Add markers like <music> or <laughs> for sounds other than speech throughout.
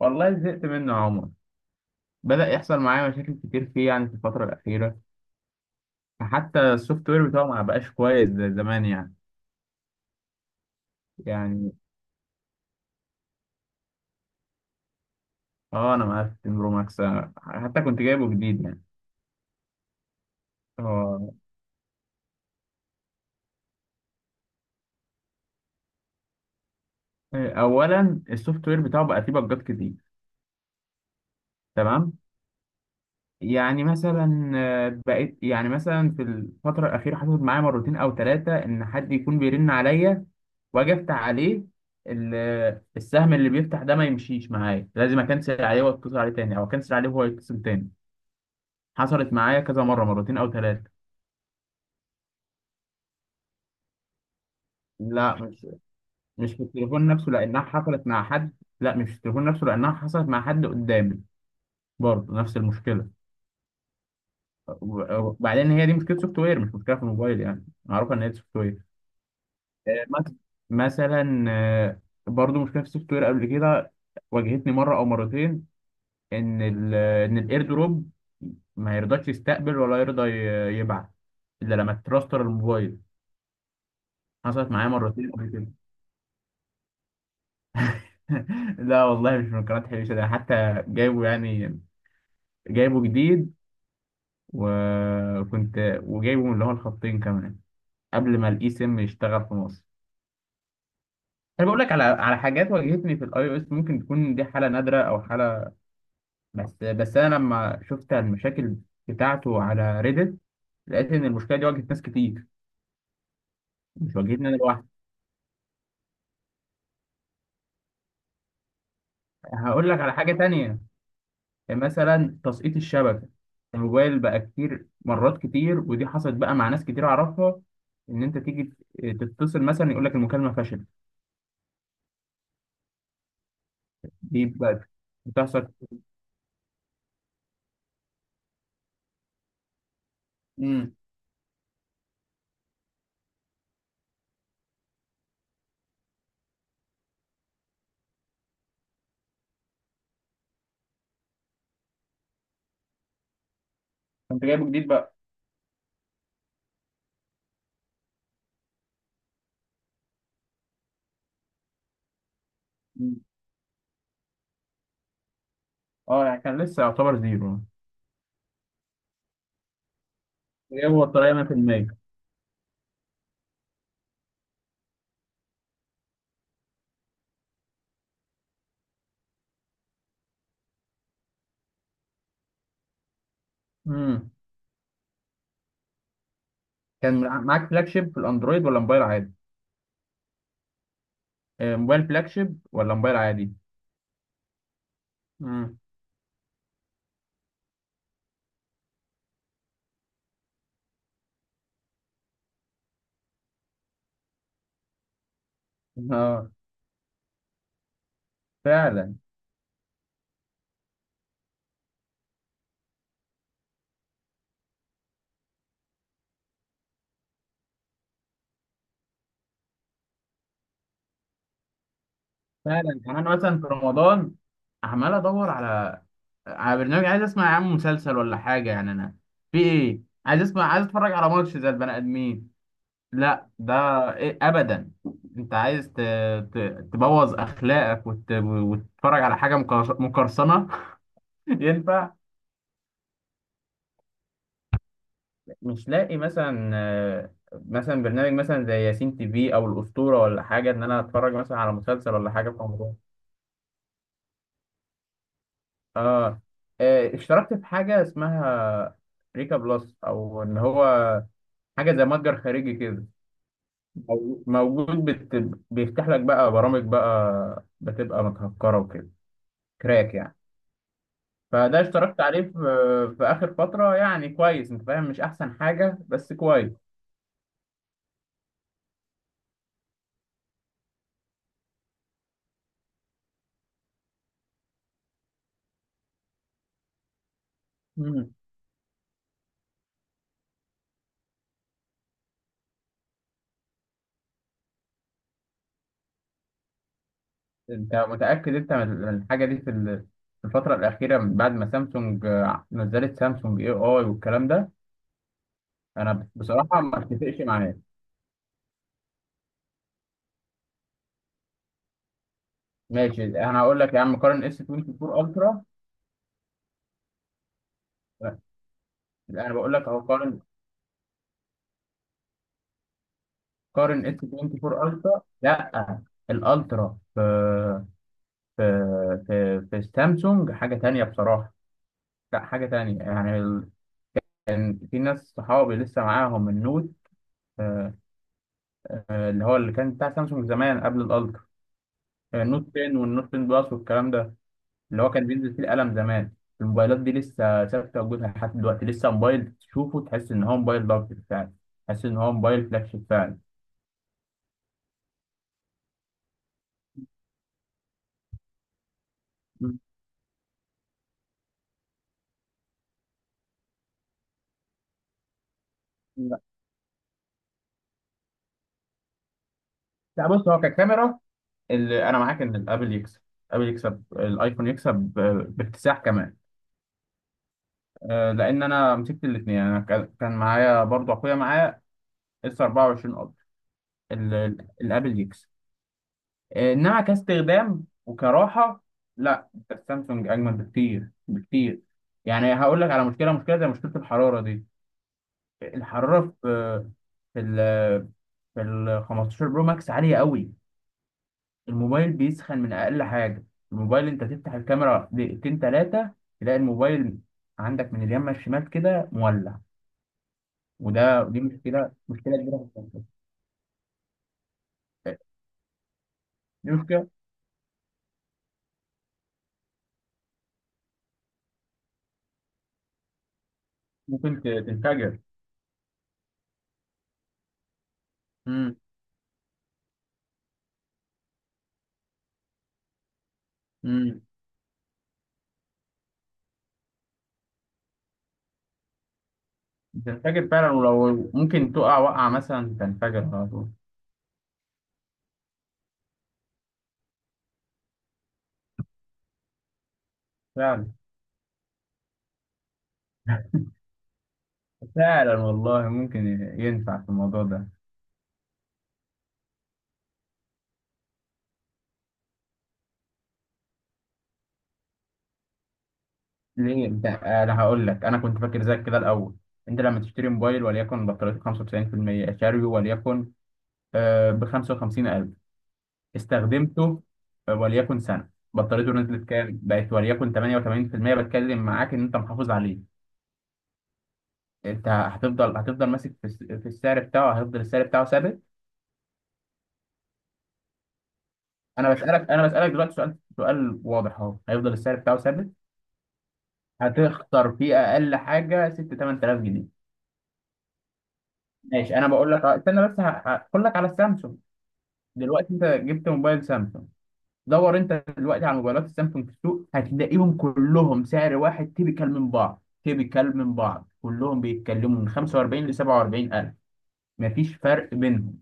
والله زهقت منه يا عمر. بدأ يحصل معايا مشاكل كتير فيه، يعني في الفترة الأخيرة. فحتى السوفت وير بتاعه ما بقاش كويس زي زمان يعني اه، أنا مقفل برو ماكس، حتى كنت جايبه جديد يعني. هو. أولا السوفت وير بتاعه بقى فيه بجات كتير. تمام. يعني مثلا، بقيت يعني مثلا في الفترة الأخيرة حصلت معايا مرتين أو ثلاثة إن حد يكون بيرن عليا، واجي افتح عليه، ال- السهم اللي بيفتح ده ما يمشيش معايا، لازم اكنسل عليه واتصل عليه تاني او اكنسل عليه وهو يتصل تاني. حصلت معايا كذا مره، مرتين او ثلاثه. لا مش في التليفون نفسه لانها حصلت مع حد. لا مش في التليفون نفسه لانها حصلت مع حد قدامي، برضه نفس المشكله. وبعدين هي دي مشكله سوفت وير، مش مشكله في الموبايل، يعني معروفه ان هي سوفت وير. آه، مث- مثلا برضه مشكله في السوفت وير قبل كده، واجهتني مره او مرتين. ان ال ان الايردروب ما يرضاش يستقبل ولا يرضى يبعت الا لما تراستر الموبايل. حصلت معايا مرتين قبل كده. <laughs> لا والله، مش من قناة حبيشة، ده حتى جايبه يعني، جايبه جديد. وكنت، وجايبه من اللي هو الخطين كمان قبل ما الاي سيم يشتغل في مصر. انا بقول لك على حاجات واجهتني في الاي او اس، ممكن تكون دي حالة نادرة او حالة. بس بس انا لما شفت المشاكل بتاعته على ريدت، لقيت ان المشكلة دي واجهت ناس كتير، مش واجهتني انا لوحدي. هقول لك على حاجة تانية. مثلا تسقيط الشبكة، الموبايل بقى كتير مرات كتير، ودي حصلت بقى مع ناس كتير أعرفها. إن أنت تيجي تتصل مثلا يقول لك المكالمة فشلت. دي بقى بتحصل. امم. كنت جايبه جديد بقى. مم. اه يعني كان لسه يعتبر زيرو. جايبه بطارية 100%. امم. كان معاك فلاج شيب في الأندرويد ولا موبايل عادي؟ موبايل فلاج شيب ولا موبايل عادي؟ امم. اه. فعلا. فعلا يعني، انا مثلا في رمضان عمال ادور على برنامج، عايز اسمع يا عم مسلسل ولا حاجه، يعني انا في ايه، عايز اسمع، عايز اتفرج على ماتش زي البني ادمين. لا ده إيه ابدا، انت عايز ت... تبوظ اخلاقك وتتفرج على حاجه مقرصنه. <laughs> ينفع. مش لاقي مثلا، مثلا برنامج مثلا زي ياسين تي في او الاسطوره ولا حاجه، ان انا اتفرج مثلا على مسلسل ولا حاجه في رمضان. اه. اشتركت في حاجة اسمها ريكا بلس او ان هو حاجة زي متجر خارجي كده، موجود، بيفتح لك بقى برامج بقى بتبقى متهكرة وكده، كراك يعني. فده اشتركت عليه في اخر فترة يعني، كويس، انت فاهم، مش احسن حاجة بس كويس. مم. انت متأكد انت من الحاجة دي في في الفترة الأخيرة، من بعد ما سامسونج نزلت سامسونج اي اي والكلام ده؟ انا بصراحة ما اتفقش معاه. ماشي، انا هقول لك يا عم، قارن اس 24 الترا. لا انا بقول لك اهو، قارن، قارن اس 24 الترا. لا الالترا في في سامسونج حاجه تانية بصراحه. لا حاجه تانية، يعني كان في ناس صحابي لسه معاهم النوت، آه، اللي هو اللي كان بتاع سامسونج زمان قبل الالترا، النوت 10 والنوت 10 بلس والكلام ده، اللي هو كان بينزل فيه القلم زمان. الموبايلات دي لسه ثابته وجودها لحد دلوقتي، لسه موبايل تشوفه تحس ان هو موبايل ضغط فعلا، تحس ان هو موبايل فلاج شيب فعلا. مم. لا. لا بص، هو ككاميرا اللي انا معاك ان الابل يكسب. الابل يكسب، الايفون يكسب باكتساح كمان. لان انا مسكت الاثنين، انا كان معايا برضه اخويا، معايا اس 24 الترا. الابل يكسب، انما كاستخدام وكراحه، لا انت السامسونج اجمل بكتير بكتير. يعني هقول لك على مشكله، مشكله زي مشكله الحراره دي. الحراره في ال في ال 15 برو ماكس عاليه قوي. الموبايل بيسخن من اقل حاجه. الموبايل انت تفتح الكاميرا دقيقتين ثلاثه تلاقي الموبايل عندك من اليمين للشمال كده مولع. وده دي مشكله، مشكله كبيره في السامسونج. دي مشكله، ممكن تنفجر. امم. بتنفجر فعلا، ولو ممكن تقع وقعة مثلا تنفجر على طول. فعلا. فعلا والله، ممكن ينفع في الموضوع ده. ليه انت، انا هقول لك، انا كنت فاكر زيك كده الاول. انت لما تشتري موبايل وليكن بطاريته 95% شاريه، وليكن ب 55000، استخدمته وليكن سنة، بطاريته نزلت كام، بقت وليكن 88%، بتكلم معاك ان انت محافظ عليه. انت هتفضل ماسك في في السعر بتاعه، هيفضل السعر بتاعه ثابت. انا بسالك دلوقتي سؤال، سؤال واضح اهو، هيفضل السعر بتاعه ثابت؟ هتخسر فيه اقل حاجه 6 8000 جنيه. ماشي انا بقول لك، استنى بس، هقول لك على السامسونج. دلوقتي انت جبت موبايل سامسونج، دور انت دلوقتي على موبايلات السامسونج في السوق، هتلاقيهم كلهم سعر واحد تيبيكال من بعض، تيبيكال من بعض، كلهم بيتكلموا من 45 ل 47 الف، مفيش فرق بينهم.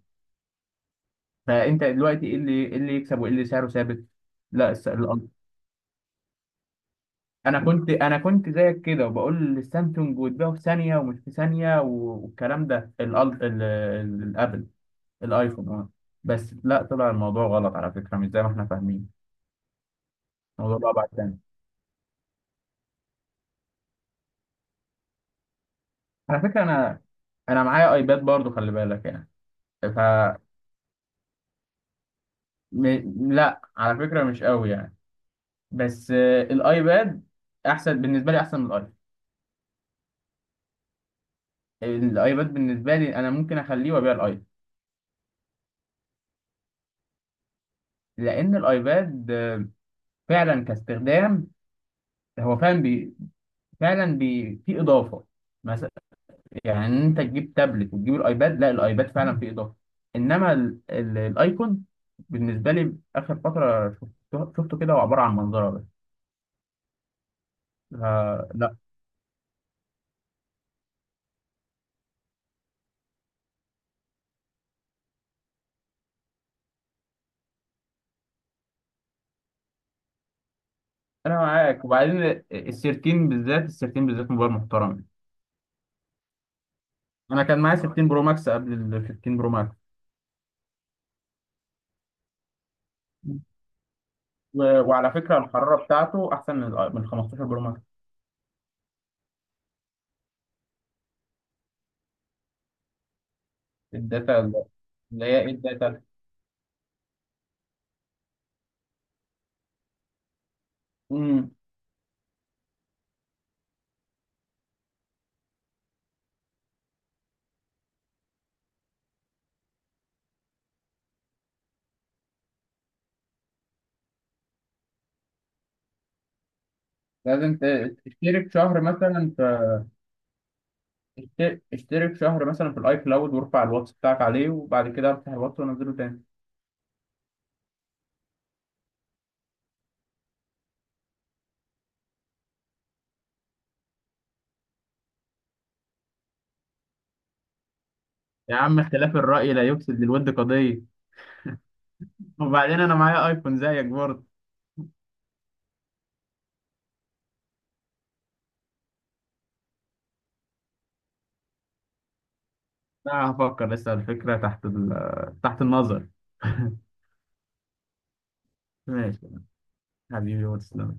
فانت دلوقتي ايه اللي، إيه اللي يكسب وايه اللي سعره ثابت. لا انا كنت زيك كده وبقول السامسونج وتبيعه في ثانيه ومش في ثانيه والكلام ده. الابل، الايفون اه. بس لا، طلع الموضوع غلط على فكره، مش زي ما احنا فاهمين. الموضوع بقى بعد ثاني. على فكره انا معايا ايباد برضو، خلي بالك يعني. ف م... لا على فكره مش قوي يعني، بس الايباد احسن بالنسبه لي، احسن من الايفون. الايباد بالنسبه لي انا ممكن اخليه وابيع الايفون. لان الايباد فعلا كاستخدام هو فعلا، فعلا في اضافه مثلا، يعني إن انت تجيب تابلت وتجيب الايباد، لا الايباد فعلا فيه اضافه. انما الايكون بالنسبه لي اخر فتره شفته كده، هو عباره عن منظره بس. لا، انا معاك. وبعدين ال 13 بالذات، ال 13 بالذات موبايل محترم. انا كان معايا 16 برو ماكس قبل ال 15 برو ماكس. و... وعلى فكره الحراره بتاعته احسن من من 15 برو ماكس. الداتا. اللي هي ايه الداتا؟ امم. لازم تشترك شهر مثلا، اشترك شهر مثلا في الاي كلاود وارفع الواتس بتاعك عليه وبعد كده افتح الواتس وانزله تاني. يا عم، اختلاف الرأي لا يفسد للود قضية. وبعدين أنا معايا أيفون زيك برضه. لا هفكر، لسه الفكرة تحت النظر. ماشي حبيبي واتساب.